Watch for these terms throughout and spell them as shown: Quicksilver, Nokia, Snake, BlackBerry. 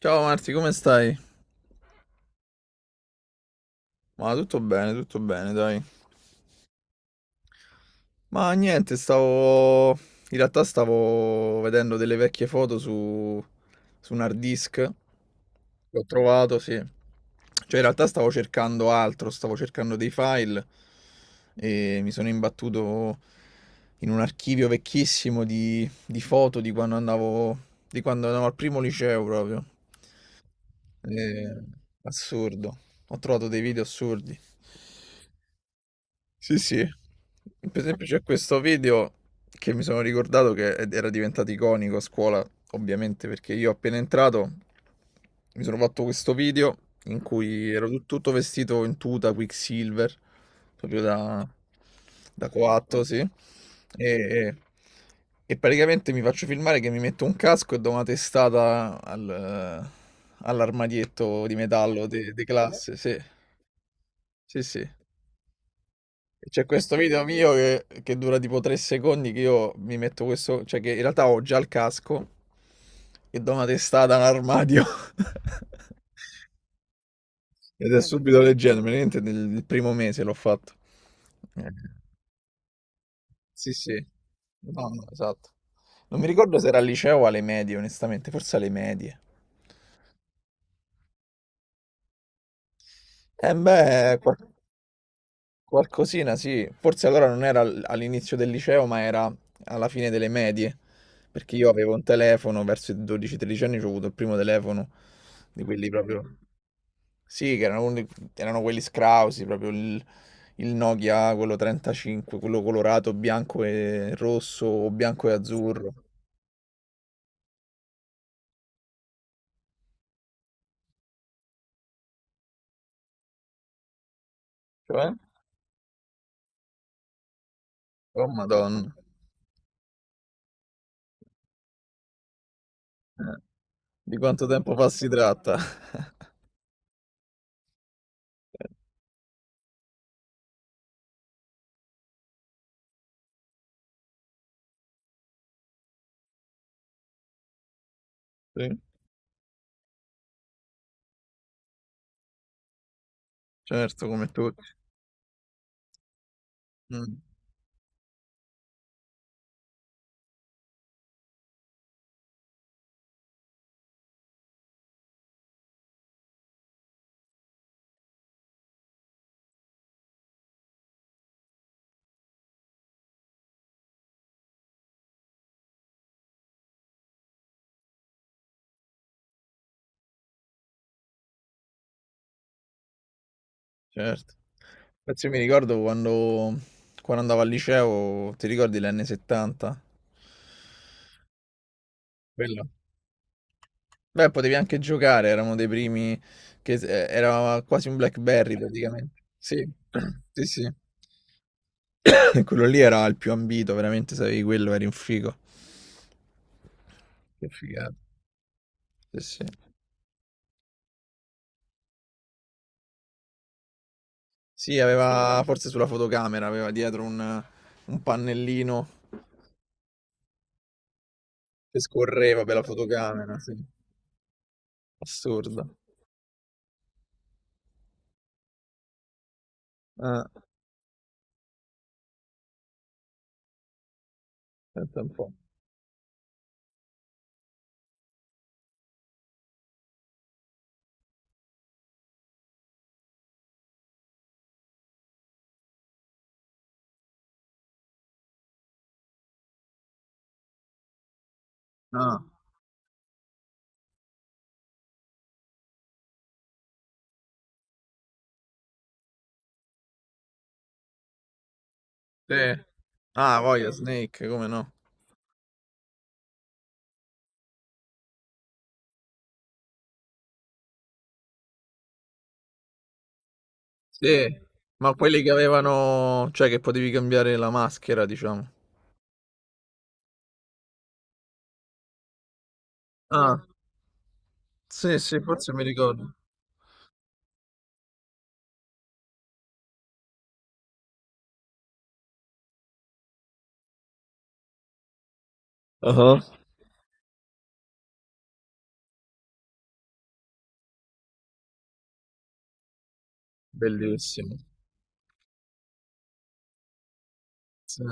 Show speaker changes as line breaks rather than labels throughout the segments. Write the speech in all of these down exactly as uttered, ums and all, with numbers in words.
Ciao Marti, come stai? Ma tutto bene, tutto bene, dai. Ma niente, stavo... In realtà stavo vedendo delle vecchie foto su, su un hard disk. L'ho trovato, sì. Cioè, in realtà stavo cercando altro, stavo cercando dei file e mi sono imbattuto in un archivio vecchissimo di, di foto di quando andavo, di quando andavo al primo liceo proprio. Eh, Assurdo. Ho trovato dei video assurdi. Sì, sì. Per esempio c'è questo video che mi sono ricordato che ed- era diventato iconico a scuola, ovviamente, perché io appena entrato mi sono fatto questo video in cui ero tut- tutto vestito in tuta Quicksilver, proprio da, da coatto, sì. E, e praticamente mi faccio filmare che mi metto un casco e do una testata al- all'armadietto di metallo de, de classe, sì, sì, sì. C'è questo video mio che, che dura tipo tre secondi che io mi metto questo, cioè che in realtà ho già il casco e do una testata a un armadio. Ed è subito leggero, veramente nel, nel primo mese l'ho fatto. Eh, Sì, sì. No, no, esatto. Non mi ricordo se era al liceo o alle medie, onestamente, forse alle medie. Eh beh, qua- qualcosina, sì. Forse allora non era all- all'inizio del liceo, ma era alla fine delle medie. Perché io avevo un telefono, verso i dodici tredici anni ho avuto il primo telefono di quelli proprio... Sì, che erano, uno- di- erano quelli scrausi, proprio il, il Nokia, quello trentacinque, quello colorato, bianco e rosso o bianco e azzurro. Cioè? Oh, Madonna. Eh, Di quanto tempo fa si tratta? Sì, certo, come tutti. Mm. Certo. Infatti io mi ricordo quando, quando andavo al liceo, ti ricordi l'N settanta? Bello. Beh, potevi anche giocare, eravamo dei primi che eh, era quasi un BlackBerry praticamente. Sì, sì, sì. E quello lì era il più ambito, veramente, se avevi quello eri un figo. Che figata. Sì, sì. Sì, aveva forse sulla fotocamera, aveva dietro un, un pannellino che scorreva per la fotocamera, sì. Assurdo. Ah, aspetta un po'. Ah, sì. Ah, voglia Snake, come no? Sì. Ma quelli che avevano, cioè che potevi cambiare la maschera, diciamo. Ah, sì, sì, forse mi ricordo. Ah. Bellissimo. Sì,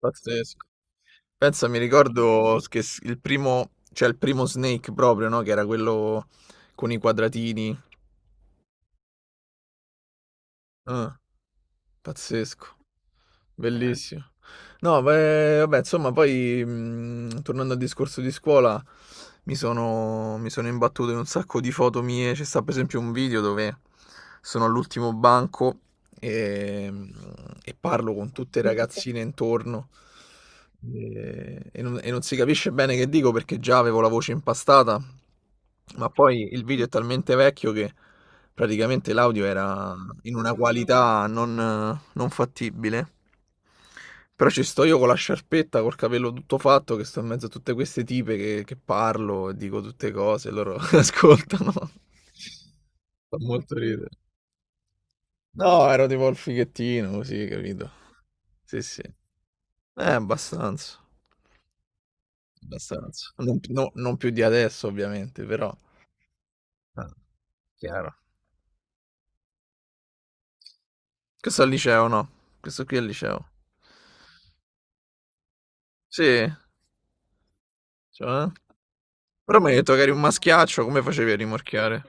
pazzesco. Pensa, mi ricordo che s- il primo, cioè il primo Snake proprio, no? Che era quello con i quadratini. Ah, pazzesco. Bellissimo. No, beh, vabbè, insomma, poi mh, tornando al discorso di scuola, mi sono, mi sono imbattuto in un sacco di foto mie. C'è sta per esempio un video dove sono all'ultimo banco e, mhmm, e parlo con tutte le ragazzine intorno e, e non, e non si capisce bene che dico perché già avevo la voce impastata, ma poi il video è talmente vecchio che praticamente l'audio era in una qualità non, non fattibile. Però ci sto io con la sciarpetta, col capello tutto fatto, che sto in mezzo a tutte queste tipe che, che parlo e dico tutte cose, loro ascoltano. Fa molto ridere. No, ero tipo il fighettino, così, capito? Sì, sì. Eh, abbastanza. Abbastanza. Non, no- non più di adesso, ovviamente, però. Ah, chiaro. Questo è al liceo, no? Questo qui è al liceo. Sì, cioè, eh? Prometto che eri un maschiaccio, come facevi a rimorchiare?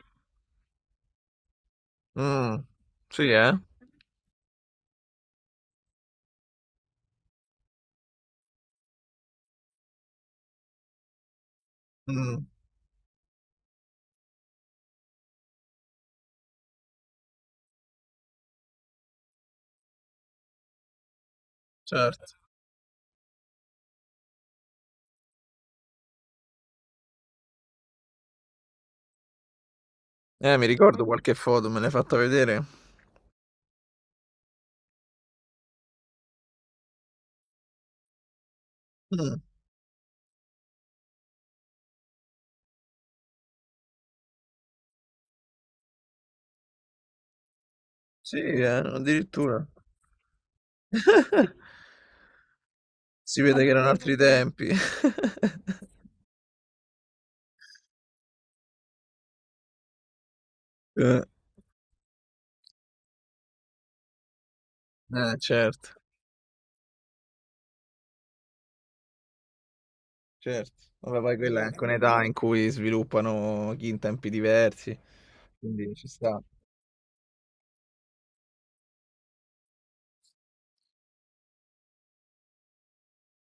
Mm, sì, eh? Mm, certo. Eh, mi ricordo qualche foto, me l'hai fatta vedere. Mm, sì, eh, addirittura. Si vede che erano altri tempi. Eh, eh, certo, certo. Vabbè, poi quella è anche un'età in cui sviluppano chi in tempi diversi, quindi ci sta.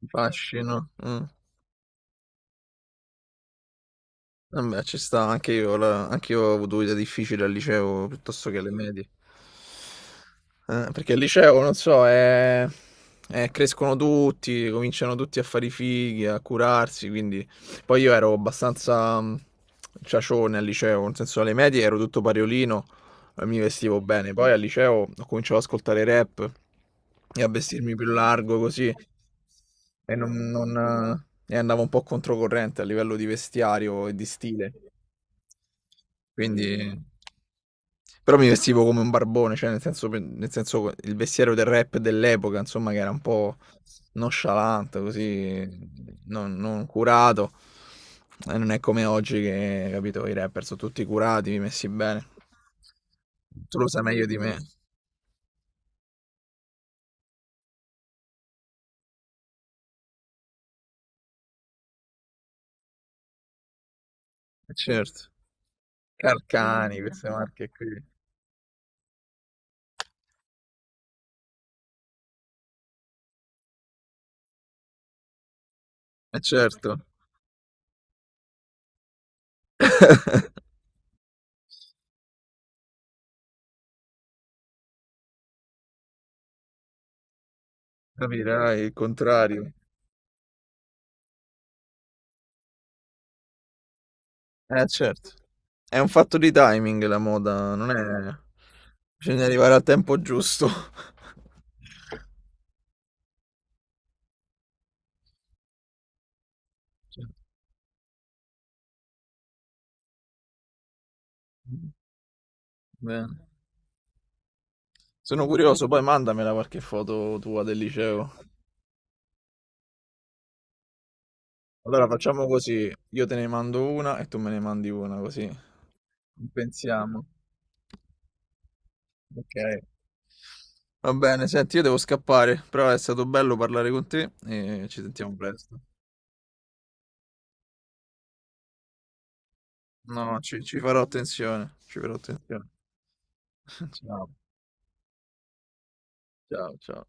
Fascino. Mm. Eh beh, ci sta, anche io la anch'io ho avuto vita difficile al liceo piuttosto che alle medie. Eh, perché il liceo, non so, è è crescono tutti, cominciano tutti a fare i fighi, a curarsi, quindi poi io ero abbastanza, mhmm, ciacione al liceo, nel senso alle medie ero tutto pariolino, eh, mi vestivo bene. Poi al liceo ho cominciato ad ascoltare rap e a vestirmi più largo così e, non, non, eh, e andavo un po' controcorrente a livello di vestiario e di stile. Quindi... Però mi vestivo come un barbone, cioè nel senso, nel senso il vestiario del rap dell'epoca, insomma, che era un po' nonchalant, così, non, non curato. E non è come oggi che, capito, i rapper sono tutti curati, messi bene. Tu lo sai meglio di me, eh certo. Carcani, queste marche qui. Eh certo, capirai il contrario. Eh certo. È un fatto di timing la moda, non è... Bisogna arrivare al tempo giusto. Cioè, bene. Sono curioso, poi mandamela qualche foto tua del liceo. Allora facciamo così, io te ne mando una e tu me ne mandi una, così pensiamo. Ok. Va bene, senti, io devo scappare, però è stato bello parlare con te e ci sentiamo presto. No, no, ci, ci farò attenzione, ci farò attenzione. Ciao, ciao, ciao.